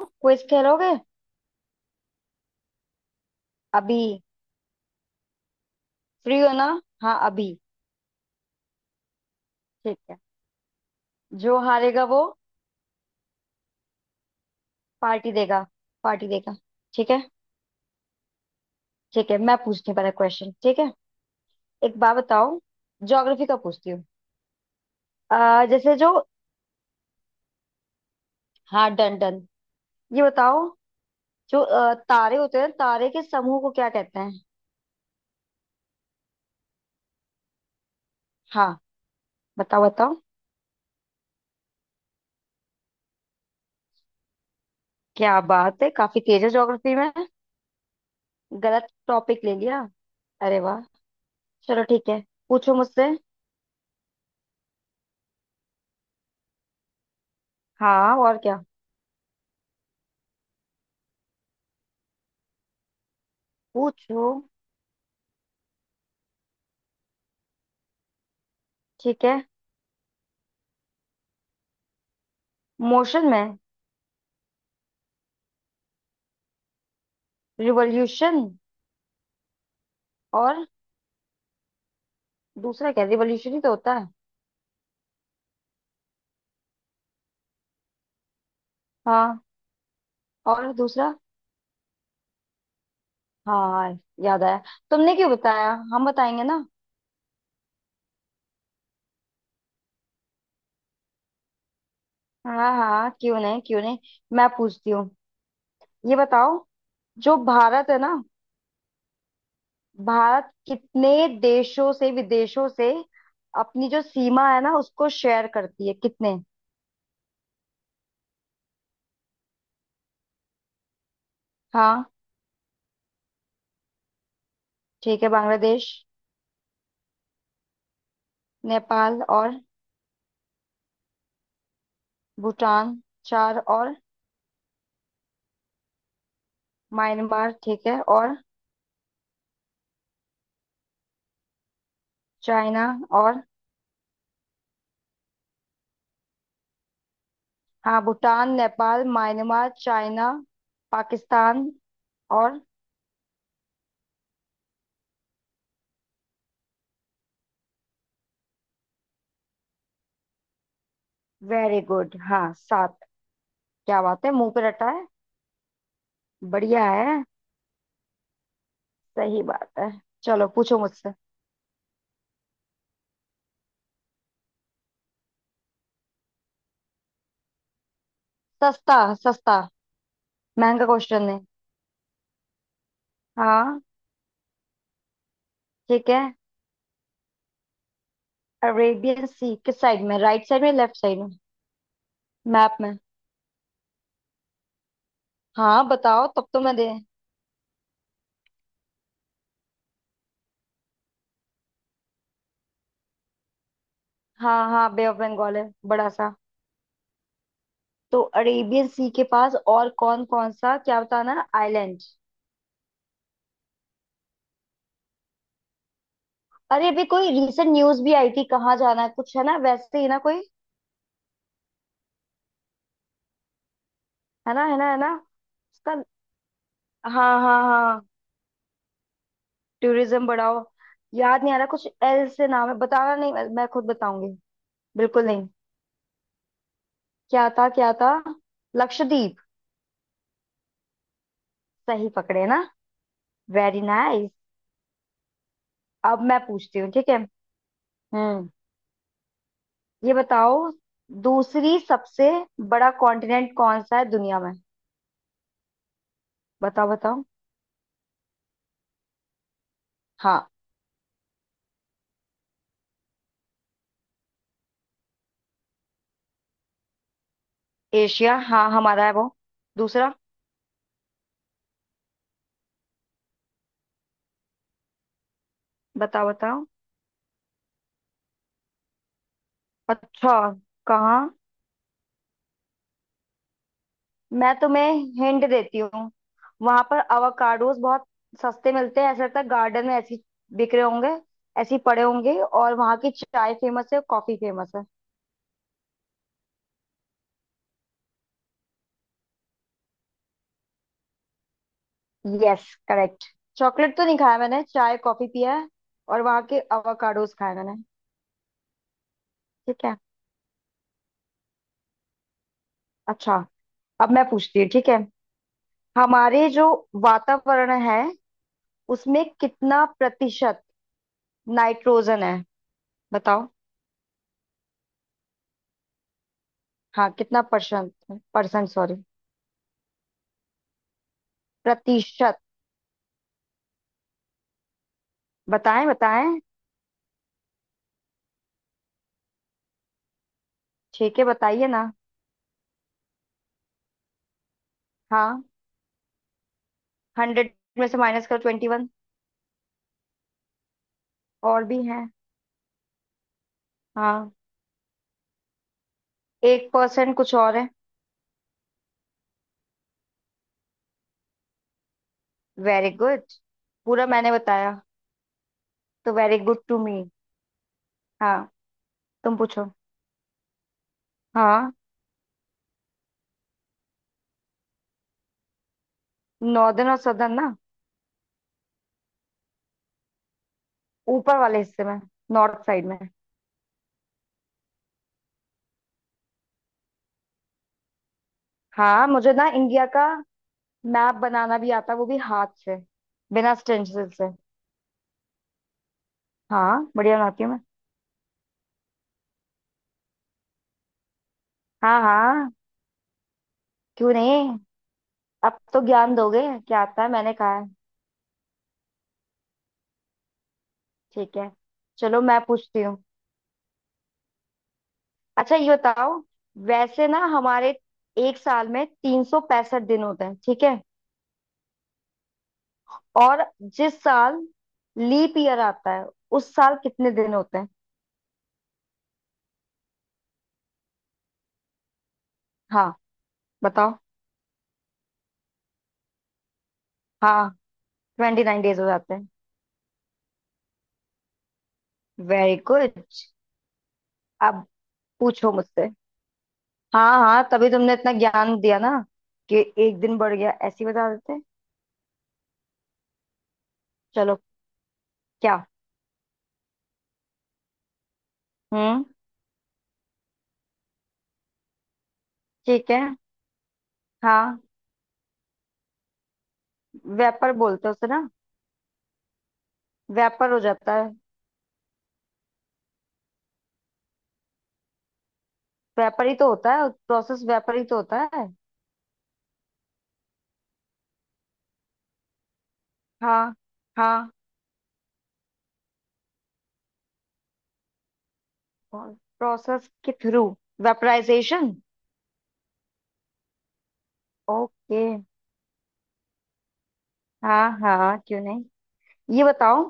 Quiz खेलोगे। अभी free हो ना। हाँ अभी। ठीक है। जो हारेगा वो पार्टी देगा। पार्टी देगा। ठीक है। ठीक है, मैं पूछती हूँ पहले क्वेश्चन, ठीक है? एक बात बताओ। ज्योग्राफी का पूछती हूँ। जैसे जो, हाँ डन डन। ये बताओ, जो तारे होते हैं, तारे के समूह को क्या कहते हैं? हाँ, बताओ बताओ। क्या बात है, काफी तेज है ज्योग्राफी में। गलत टॉपिक ले लिया। अरे वाह। चलो ठीक है। पूछो मुझसे। हाँ और क्या। पूछो। ठीक है, मोशन में। रिवॉल्यूशन। और दूसरा क्या, रिवॉल्यूशन ही तो होता है। हाँ और दूसरा। हाँ, याद आया। तुमने क्यों बताया, हम बताएंगे ना। हाँ हाँ, क्यों नहीं क्यों नहीं। मैं पूछती हूँ, ये बताओ। जो भारत है ना, भारत कितने देशों से, विदेशों से अपनी जो सीमा है ना उसको शेयर करती है, कितने? हाँ। ठीक है, बांग्लादेश। नेपाल और। भूटान। चार और। म्यांमार ठीक है और। चाइना और। हाँ, भूटान, नेपाल, म्यांमार, चाइना, पाकिस्तान, और। वेरी गुड, हाँ सात। क्या बात है, मुंह पे रटा है। बढ़िया है। सही बात है। चलो पूछो मुझसे। सस्ता सस्ता महंगा क्वेश्चन है। हाँ ठीक है। अरेबियन सी किस साइड में, राइट साइड में, लेफ्ट साइड में? मैप में। हाँ बताओ, तब तो मैं दे। हाँ हाँ, बे ऑफ बंगाल है बड़ा सा। तो अरेबियन सी के पास और कौन कौन सा, क्या बताना, आइलैंड? अरे अभी कोई रिसेंट न्यूज भी आई थी, कहाँ जाना है, कुछ है ना, वैसे ही ना कोई। है ना, है ना, है ना। उसका। हाँ हाँ हाँ, टूरिज्म बढ़ाओ। याद नहीं आ रहा, कुछ एल से नाम है, बताना नहीं, मैं खुद बताऊंगी। बिल्कुल नहीं। क्या था, क्या था? लक्षद्वीप। सही पकड़े ना। Very nice. अब मैं पूछती हूँ ठीक है। हम्म, ये बताओ। दूसरी, सबसे बड़ा कॉन्टिनेंट कौन सा है दुनिया में? बताओ बताओ। हाँ। एशिया, हाँ, हमारा है वो। दूसरा। बताओ बताओ। अच्छा। कहाँ? मैं तुम्हें हिंट देती हूँ। वहां पर अवाकाडोस बहुत सस्ते मिलते हैं, ऐसा लगता है गार्डन में ऐसी बिक रहे होंगे। ऐसे ही पड़े होंगे। और वहां की चाय फेमस है, कॉफी फेमस है। Yes, correct. चॉकलेट तो नहीं खाया मैंने, चाय कॉफी पिया है। और वहां के अवाकाडोस खाए मैंने। ठीक है। अच्छा, अब मैं पूछती हूँ ठीक है। हमारे जो वातावरण है, उसमें कितना प्रतिशत नाइट्रोजन है, बताओ। हाँ कितना परसेंट, परसेंट सॉरी, प्रतिशत। बताएं बताएं। छह के बताइए ना। हाँ, 100 में से माइनस करो 21। और भी हैं। हाँ, एक परसेंट कुछ और है। वेरी गुड, पूरा मैंने बताया। तो वेरी गुड टू मी। हाँ। तुम पूछो। हाँ। नॉर्दर्न और सदर्न ना। ऊपर वाले हिस्से में, नॉर्थ साइड में। हाँ, मुझे ना इंडिया का मैप बनाना भी आता है, वो भी हाथ से, बिना स्टेंसिल से। हाँ बढ़िया बनाती हूँ मैं। हाँ हाँ, क्यों नहीं। अब तो ज्ञान दोगे, क्या आता है मैंने कहा है। ठीक है। चलो मैं पूछती हूँ। अच्छा ये बताओ, वैसे ना हमारे एक साल में 365 दिन होते हैं ठीक है। और जिस साल लीप ईयर आता है उस साल कितने दिन होते हैं? हाँ बताओ। हाँ, 29 डेज हो जाते हैं। Very good. अब पूछो मुझसे। हाँ हाँ, तभी तुमने इतना ज्ञान दिया ना कि एक दिन बढ़ गया, ऐसे ही बता देते। चलो। क्या? हम्म। ठीक है। हाँ, व्यापार बोलते हैं उसे ना। व्यापार हो जाता है। व्यापारी तो होता है, प्रोसेस व्यापारी तो होता है। हाँ हाँ। प्रोसेस के थ्रू, वेपराइजेशन। ओके हाँ हाँ, क्यों नहीं। ये बताओ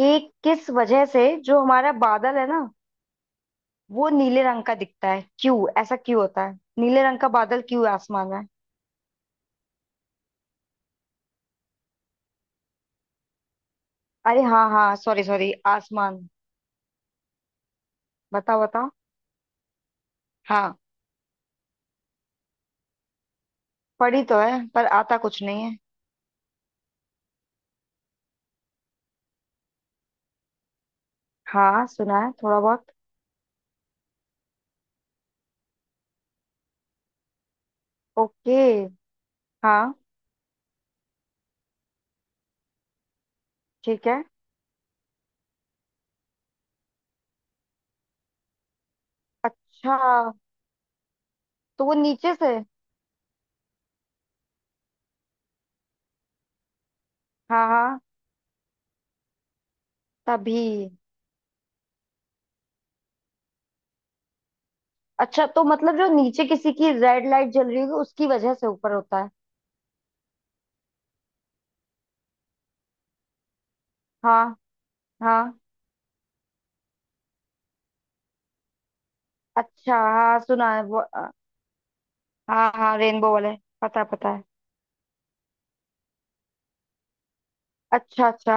कि किस वजह से जो हमारा बादल है ना, वो नीले रंग का दिखता है, क्यों ऐसा क्यों होता है? नीले रंग का बादल क्यों है आसमान में? अरे हाँ हाँ, सॉरी सॉरी, आसमान। बताओ बताओ। हाँ पढ़ी तो है, पर आता कुछ नहीं है। हाँ सुना है थोड़ा बहुत। ओके हाँ। ठीक है। अच्छा। तो वो नीचे से। हाँ हाँ, तभी। अच्छा तो मतलब जो नीचे किसी की रेड लाइट जल रही होगी, उसकी वजह से ऊपर होता है? हाँ हाँ। अच्छा हाँ, सुना है वो। हाँ हाँ, रेनबो वाले, पता पता है। अच्छा अच्छा।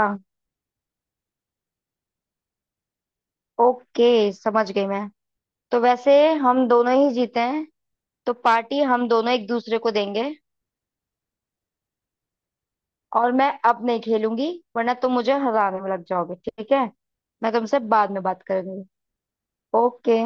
ओके, समझ गई मैं। तो वैसे हम दोनों ही जीते हैं, तो पार्टी हम दोनों एक दूसरे को देंगे। और मैं अब नहीं खेलूंगी, वरना तुम मुझे हराने में लग जाओगे ठीक है। मैं तुमसे बाद में बात करूंगी। ओके।